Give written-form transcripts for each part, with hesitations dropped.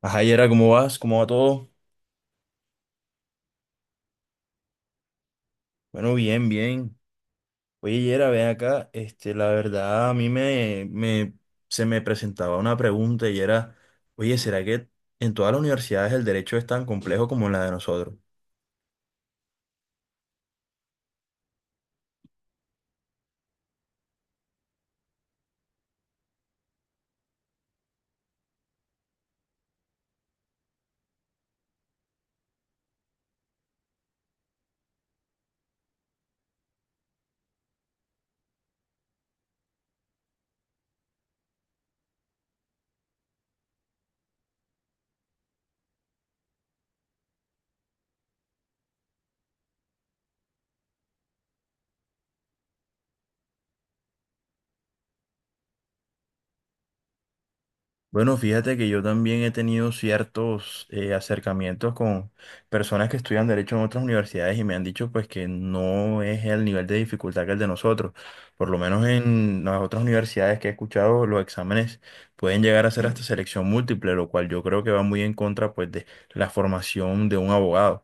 Ajá, Yera, ¿cómo vas? ¿Cómo va todo? Bueno, bien, bien. Oye, Yera, ven acá. Este, la verdad, a mí se me presentaba una pregunta y era, oye, ¿será que en todas las universidades el derecho es tan complejo como en la de nosotros? Bueno, fíjate que yo también he tenido ciertos acercamientos con personas que estudian derecho en otras universidades y me han dicho pues que no es el nivel de dificultad que el de nosotros. Por lo menos en las otras universidades que he escuchado, los exámenes pueden llegar a ser hasta selección múltiple, lo cual yo creo que va muy en contra pues de la formación de un abogado.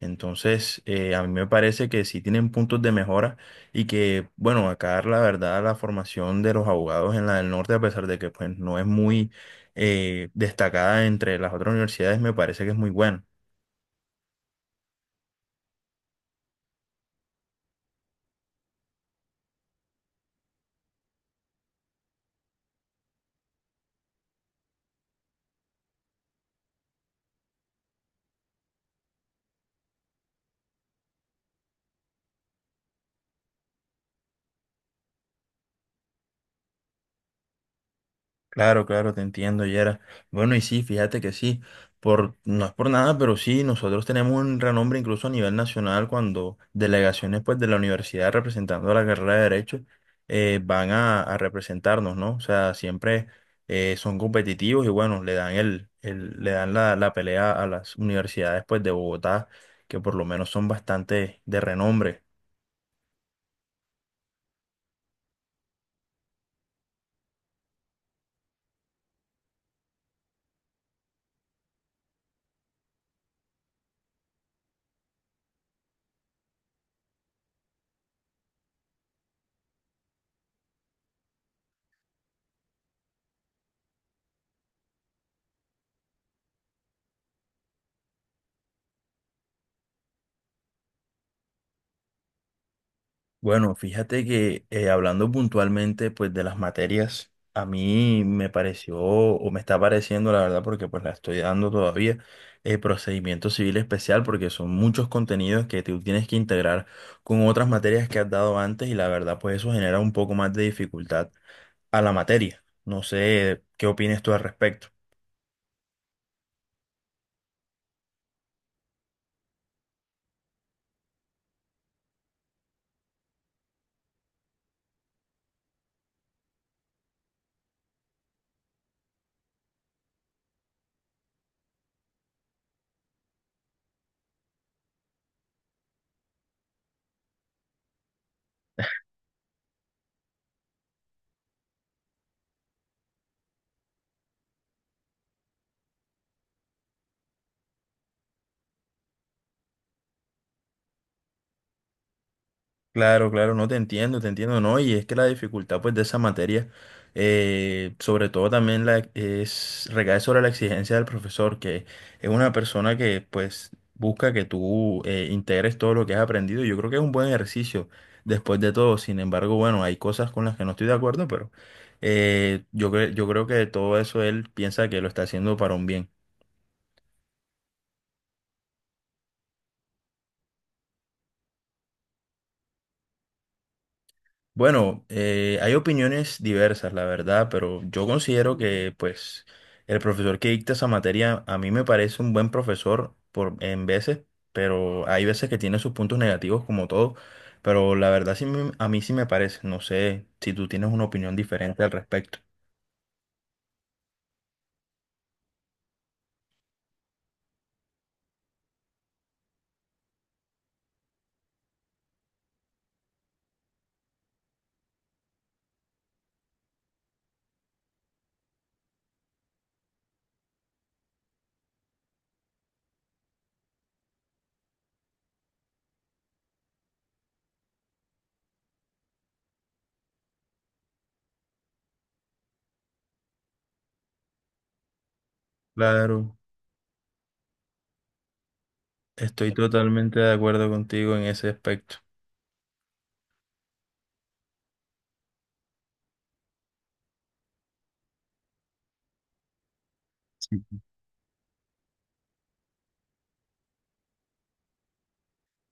Entonces, a mí me parece que sí tienen puntos de mejora y que, bueno, acá la verdad la formación de los abogados en la del norte, a pesar de que pues no es muy destacada entre las otras universidades, me parece que es muy buena. Claro, claro, te entiendo, Yera. Bueno, y sí, fíjate que sí, por, no es por nada, pero sí, nosotros tenemos un renombre incluso a nivel nacional cuando delegaciones pues, de la universidad representando la carrera de Derecho van a representarnos, ¿no? O sea, siempre son competitivos y bueno, le dan la pelea a las universidades pues, de Bogotá, que por lo menos son bastante de renombre. Bueno, fíjate que hablando puntualmente pues de las materias, a mí me pareció o me está pareciendo la verdad porque pues la estoy dando todavía, procedimiento civil especial porque son muchos contenidos que tú tienes que integrar con otras materias que has dado antes y la verdad pues eso genera un poco más de dificultad a la materia. No sé qué opinas tú al respecto. Claro, claro, no te entiendo, te entiendo, no, y es que la dificultad pues de esa materia, sobre todo también recae sobre la exigencia del profesor, que es una persona que pues busca que tú integres todo lo que has aprendido. Yo creo que es un buen ejercicio después de todo, sin embargo, bueno, hay cosas con las que no estoy de acuerdo, pero yo creo que todo eso él piensa que lo está haciendo para un bien. Bueno, hay opiniones diversas, la verdad, pero yo considero que, pues, el profesor que dicta esa materia a mí me parece un buen profesor por, en veces, pero hay veces que tiene sus puntos negativos como todo, pero la verdad a mí sí me parece. No sé si tú tienes una opinión diferente al respecto. Claro, estoy totalmente de acuerdo contigo en ese aspecto.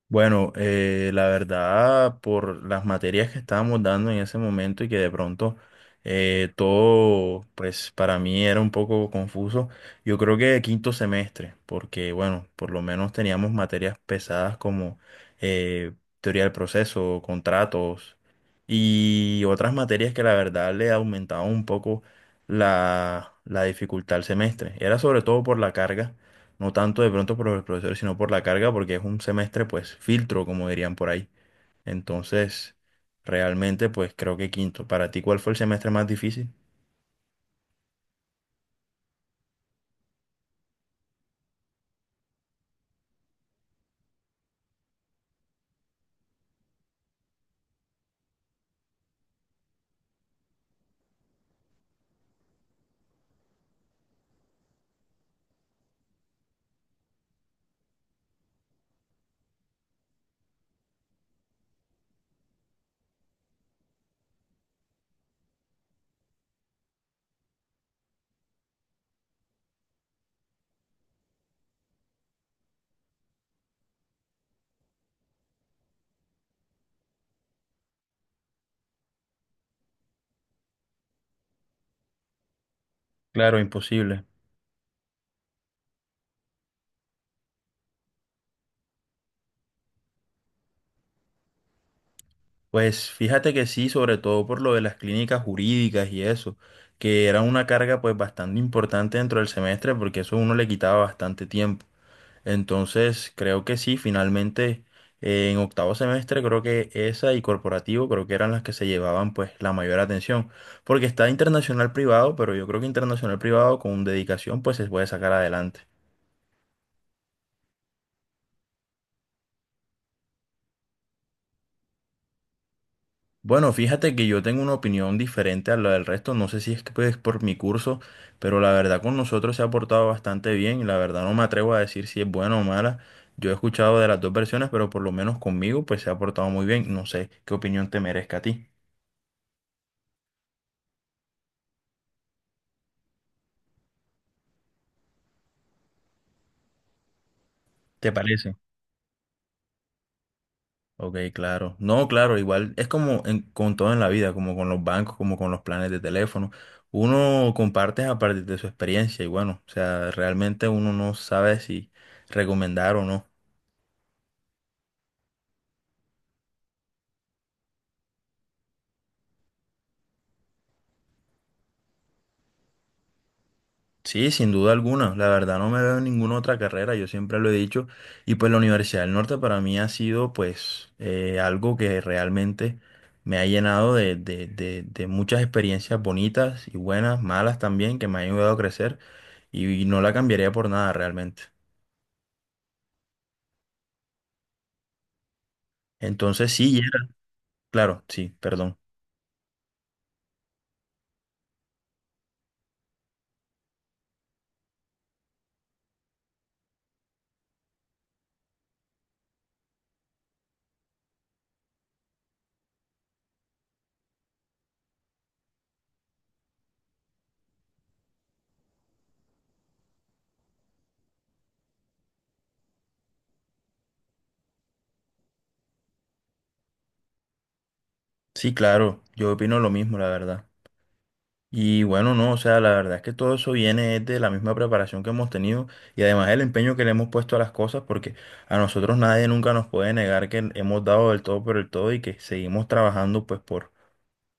Bueno, la verdad, por las materias que estábamos dando en ese momento y que de pronto todo, pues para mí era un poco confuso, yo creo que quinto semestre, porque bueno, por lo menos teníamos materias pesadas como eh, teoría del proceso, contratos y otras materias que la verdad le aumentaban un poco la dificultad al semestre. Era sobre todo por la carga no tanto de pronto por los profesores, sino por la carga, porque es un semestre, pues, filtro, como dirían por ahí. Entonces, realmente, pues, creo que quinto. ¿Para ti cuál fue el semestre más difícil? Claro, imposible. Pues fíjate que sí, sobre todo por lo de las clínicas jurídicas y eso, que era una carga, pues, bastante importante dentro del semestre, porque eso uno le quitaba bastante tiempo. Entonces, creo que sí, finalmente en octavo semestre creo que esa y corporativo creo que eran las que se llevaban pues la mayor atención, porque está internacional privado, pero yo creo que internacional privado con dedicación pues se puede sacar adelante. Bueno, fíjate que yo tengo una opinión diferente a la del resto, no sé si es que pues, por mi curso, pero la verdad con nosotros se ha portado bastante bien y la verdad no me atrevo a decir si es buena o mala. Yo he escuchado de las dos versiones, pero por lo menos conmigo pues se ha portado muy bien, no sé qué opinión te merezca a ti. ¿Te parece? Ok, claro. No, claro, igual es como con todo en la vida, como con los bancos, como con los planes de teléfono. Uno comparte a partir de su experiencia y bueno, o sea, realmente uno no sabe si recomendar o no. Sí, sin duda alguna. La verdad no me veo en ninguna otra carrera, yo siempre lo he dicho. Y pues la Universidad del Norte para mí ha sido pues algo que realmente me ha llenado de muchas experiencias bonitas y buenas, malas también, que me han ayudado a crecer y no la cambiaría por nada realmente. Entonces sí, Gerald, claro, sí, perdón. Sí, claro, yo opino lo mismo, la verdad. Y bueno, no, o sea, la verdad es que todo eso viene es de la misma preparación que hemos tenido y además el empeño que le hemos puesto a las cosas, porque a nosotros nadie nunca nos puede negar que hemos dado del todo por el todo y que seguimos trabajando pues por,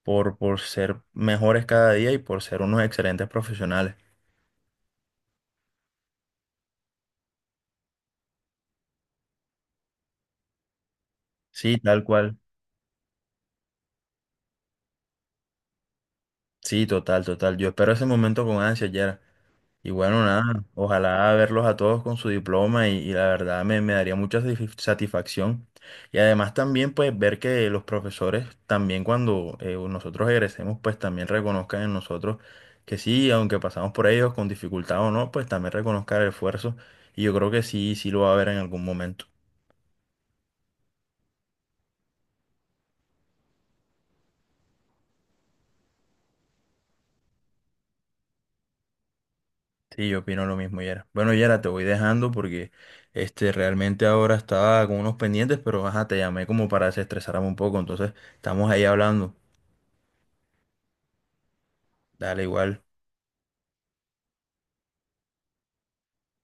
por, por ser mejores cada día y por ser unos excelentes profesionales. Sí, tal cual. Sí, total, total. Yo espero ese momento con ansia, Yera. Y bueno, nada, ojalá verlos a todos con su diploma y la verdad me daría mucha satisfacción. Y además también pues ver que los profesores también cuando nosotros egresemos pues también reconozcan en nosotros que sí, aunque pasamos por ellos con dificultad o no, pues también reconozcan el esfuerzo. Y yo creo que sí, sí lo va a ver en algún momento. Sí, yo opino lo mismo, Yera. Bueno, Yera, te voy dejando porque este realmente ahora estaba con unos pendientes, pero ajá, te llamé como para desestresarme un poco, entonces estamos ahí hablando. Dale igual.